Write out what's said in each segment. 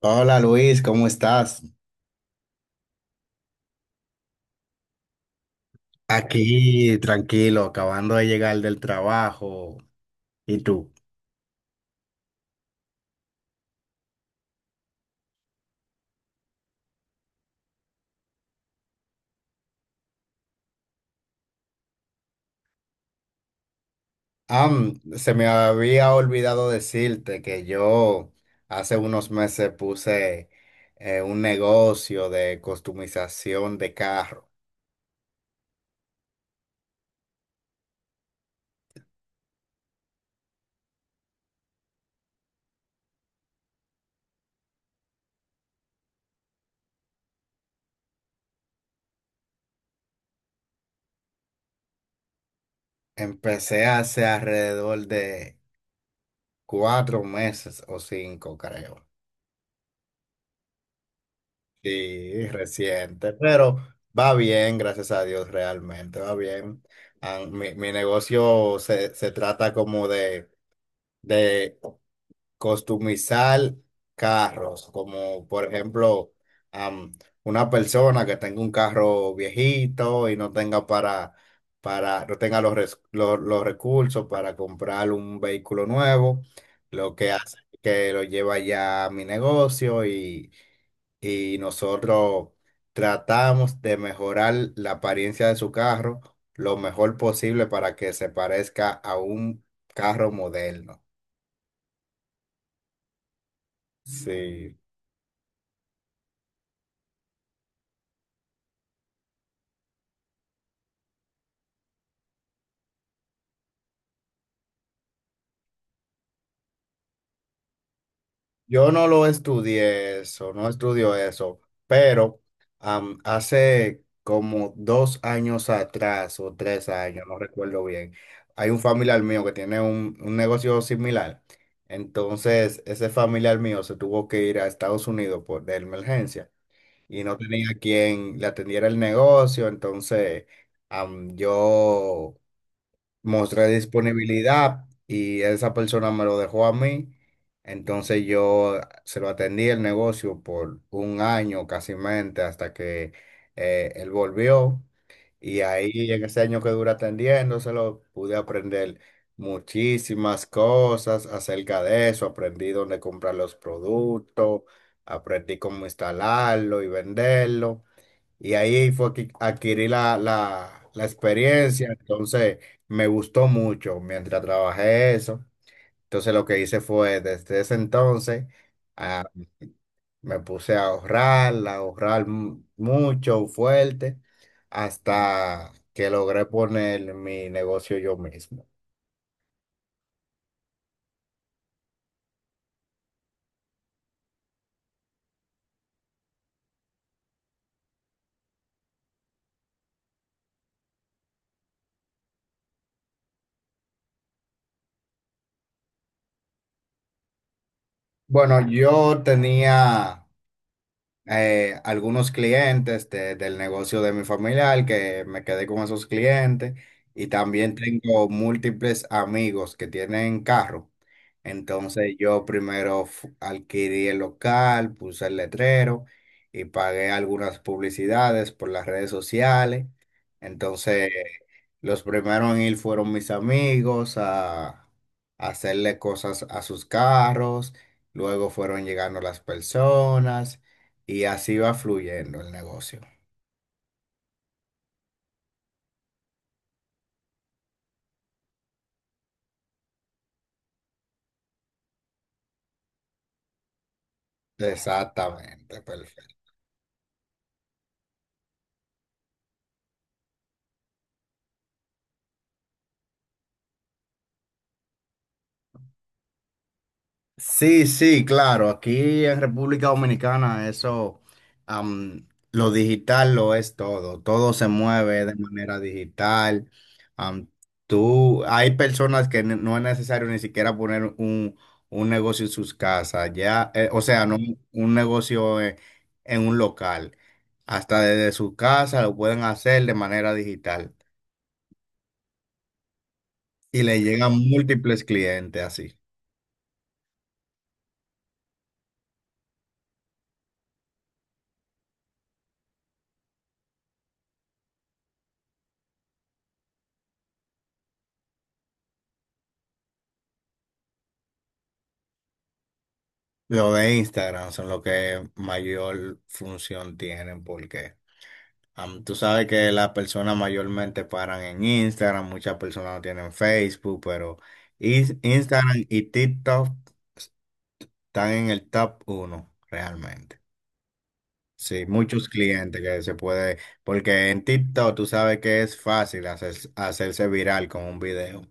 Hola Luis, ¿cómo estás? Aquí, tranquilo, acabando de llegar del trabajo. ¿Y tú? Ah, se me había olvidado decirte que yo hace unos meses puse un negocio de customización de carro. Empecé hace alrededor de 4 meses o cinco, creo. Sí, reciente, pero va bien, gracias a Dios, realmente, va bien. Ah, mi negocio se trata como de customizar carros, como por ejemplo, am, una persona que tenga un carro viejito y no tenga no tenga los recursos para comprar un vehículo nuevo, lo que hace es que lo lleva ya a mi negocio y nosotros tratamos de mejorar la apariencia de su carro lo mejor posible para que se parezca a un carro moderno. Sí, yo no lo estudié eso, no estudio eso, pero hace como 2 años atrás o 3 años, no recuerdo bien, hay un familiar mío que tiene un negocio similar. Entonces, ese familiar mío se tuvo que ir a Estados Unidos de emergencia. Y no tenía quien le atendiera el negocio, entonces yo mostré disponibilidad y esa persona me lo dejó a mí. Entonces yo se lo atendí el negocio por un año casi mente hasta que él volvió, y ahí en ese año que dura atendiéndoselo pude aprender muchísimas cosas acerca de eso. Aprendí dónde comprar los productos, aprendí cómo instalarlo y venderlo. Y ahí fue que adquirí la experiencia, entonces me gustó mucho mientras trabajé eso. Entonces lo que hice fue, desde ese entonces, me puse a ahorrar mucho, fuerte, hasta que logré poner mi negocio yo mismo. Bueno, yo tenía algunos clientes del negocio de mi familiar, que me quedé con esos clientes, y también tengo múltiples amigos que tienen carro. Entonces yo primero adquirí el local, puse el letrero y pagué algunas publicidades por las redes sociales. Entonces los primeros en ir fueron mis amigos a hacerle cosas a sus carros, luego fueron llegando las personas y así va fluyendo el negocio. Exactamente, perfecto. Sí, sí, claro. Aquí en República Dominicana eso, am, lo digital lo es todo. Todo se mueve de manera digital. Am, Tú, hay personas que no es necesario ni siquiera poner un negocio en sus casas. Ya, o sea, no un negocio en un local. Hasta desde su casa lo pueden hacer de manera digital y le llegan múltiples clientes así. Lo de Instagram son los que mayor función tienen porque tú sabes que las personas mayormente paran en Instagram, muchas personas no tienen Facebook, pero Instagram y TikTok están en el top uno realmente. Sí, muchos clientes que se puede, porque en TikTok tú sabes que es fácil hacerse viral con un video.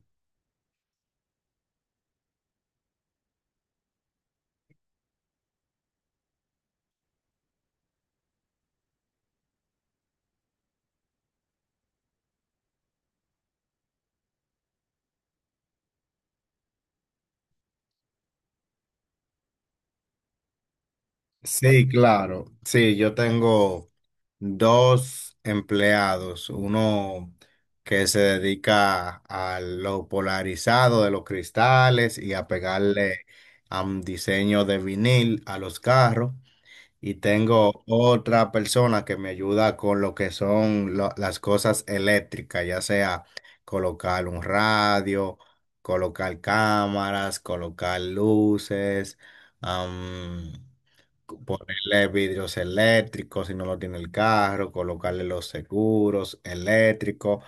Sí, claro. Sí, yo tengo dos empleados, uno que se dedica a lo polarizado de los cristales y a pegarle a un diseño de vinil a los carros. Y tengo otra persona que me ayuda con lo que son las cosas eléctricas, ya sea colocar un radio, colocar cámaras, colocar luces. Ponerle vidrios eléctricos si no lo tiene el carro, colocarle los seguros eléctricos.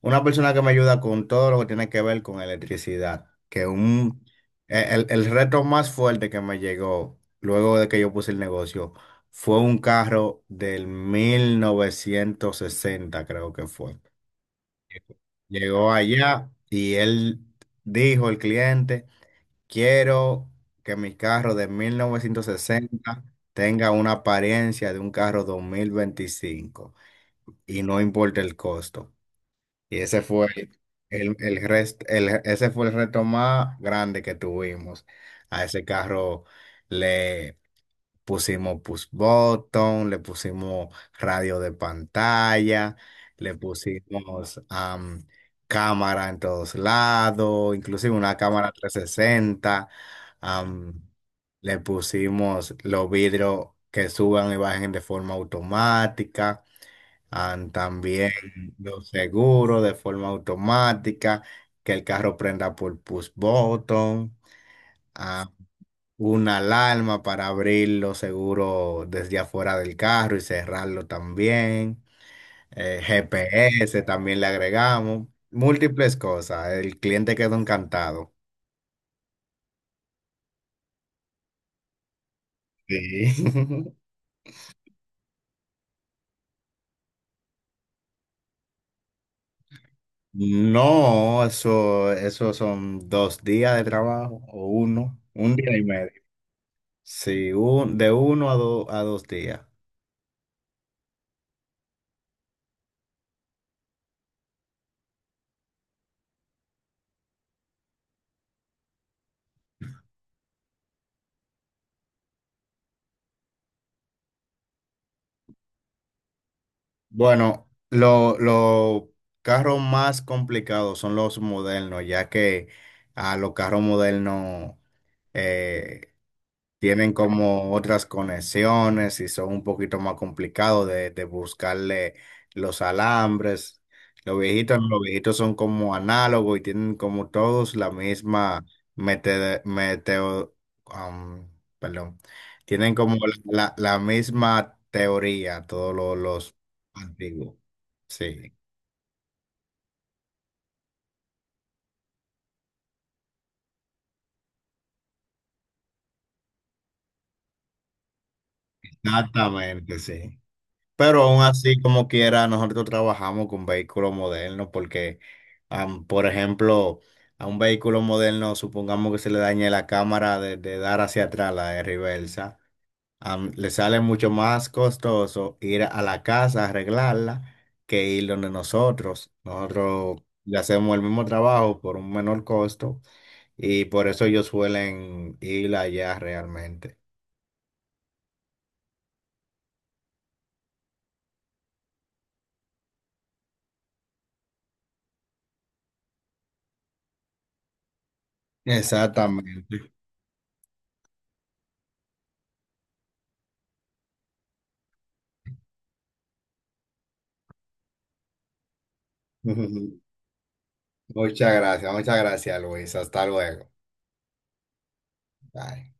Una persona que me ayuda con todo lo que tiene que ver con electricidad. Que un, e, el reto más fuerte que me llegó luego de que yo puse el negocio fue un carro del 1960, creo que fue. Llegó allá y él dijo, el cliente: quiero que mi carro de 1960 tenga una apariencia de un carro 2025 y no importa el costo. Y ese fue el reto más grande que tuvimos. A ese carro pusimos push button, le pusimos radio de pantalla, le pusimos cámara en todos lados, inclusive una cámara 360, am, le pusimos los vidrios que suban y bajen de forma automática, también los seguros de forma automática, que el carro prenda por push button, una alarma para abrirlo seguro desde afuera del carro y cerrarlo también. GPS también le agregamos. Múltiples cosas. El cliente quedó encantado. Sí. No, eso son 2 días de trabajo o un día y medio. Sí, de uno a 2 días. Bueno, lo los carros más complicados son los modernos, ya que a los carros modernos eh, tienen como otras conexiones y son un poquito más complicados de buscarle los alambres. Los viejitos, no, los viejitos son como análogos y tienen como todos la misma meteo, am, perdón, tienen como la misma teoría, todos los antiguos. Sí, exactamente, sí. Pero aún así, como quiera, nosotros trabajamos con vehículos modernos porque, por ejemplo, a un vehículo moderno, supongamos que se le dañe la cámara de dar hacia atrás, la de reversa, le sale mucho más costoso ir a la casa a arreglarla que ir donde nosotros. Nosotros le hacemos el mismo trabajo por un menor costo, y por eso ellos suelen ir allá realmente. Exactamente. Muchas gracias, Luis. Hasta luego. Bye.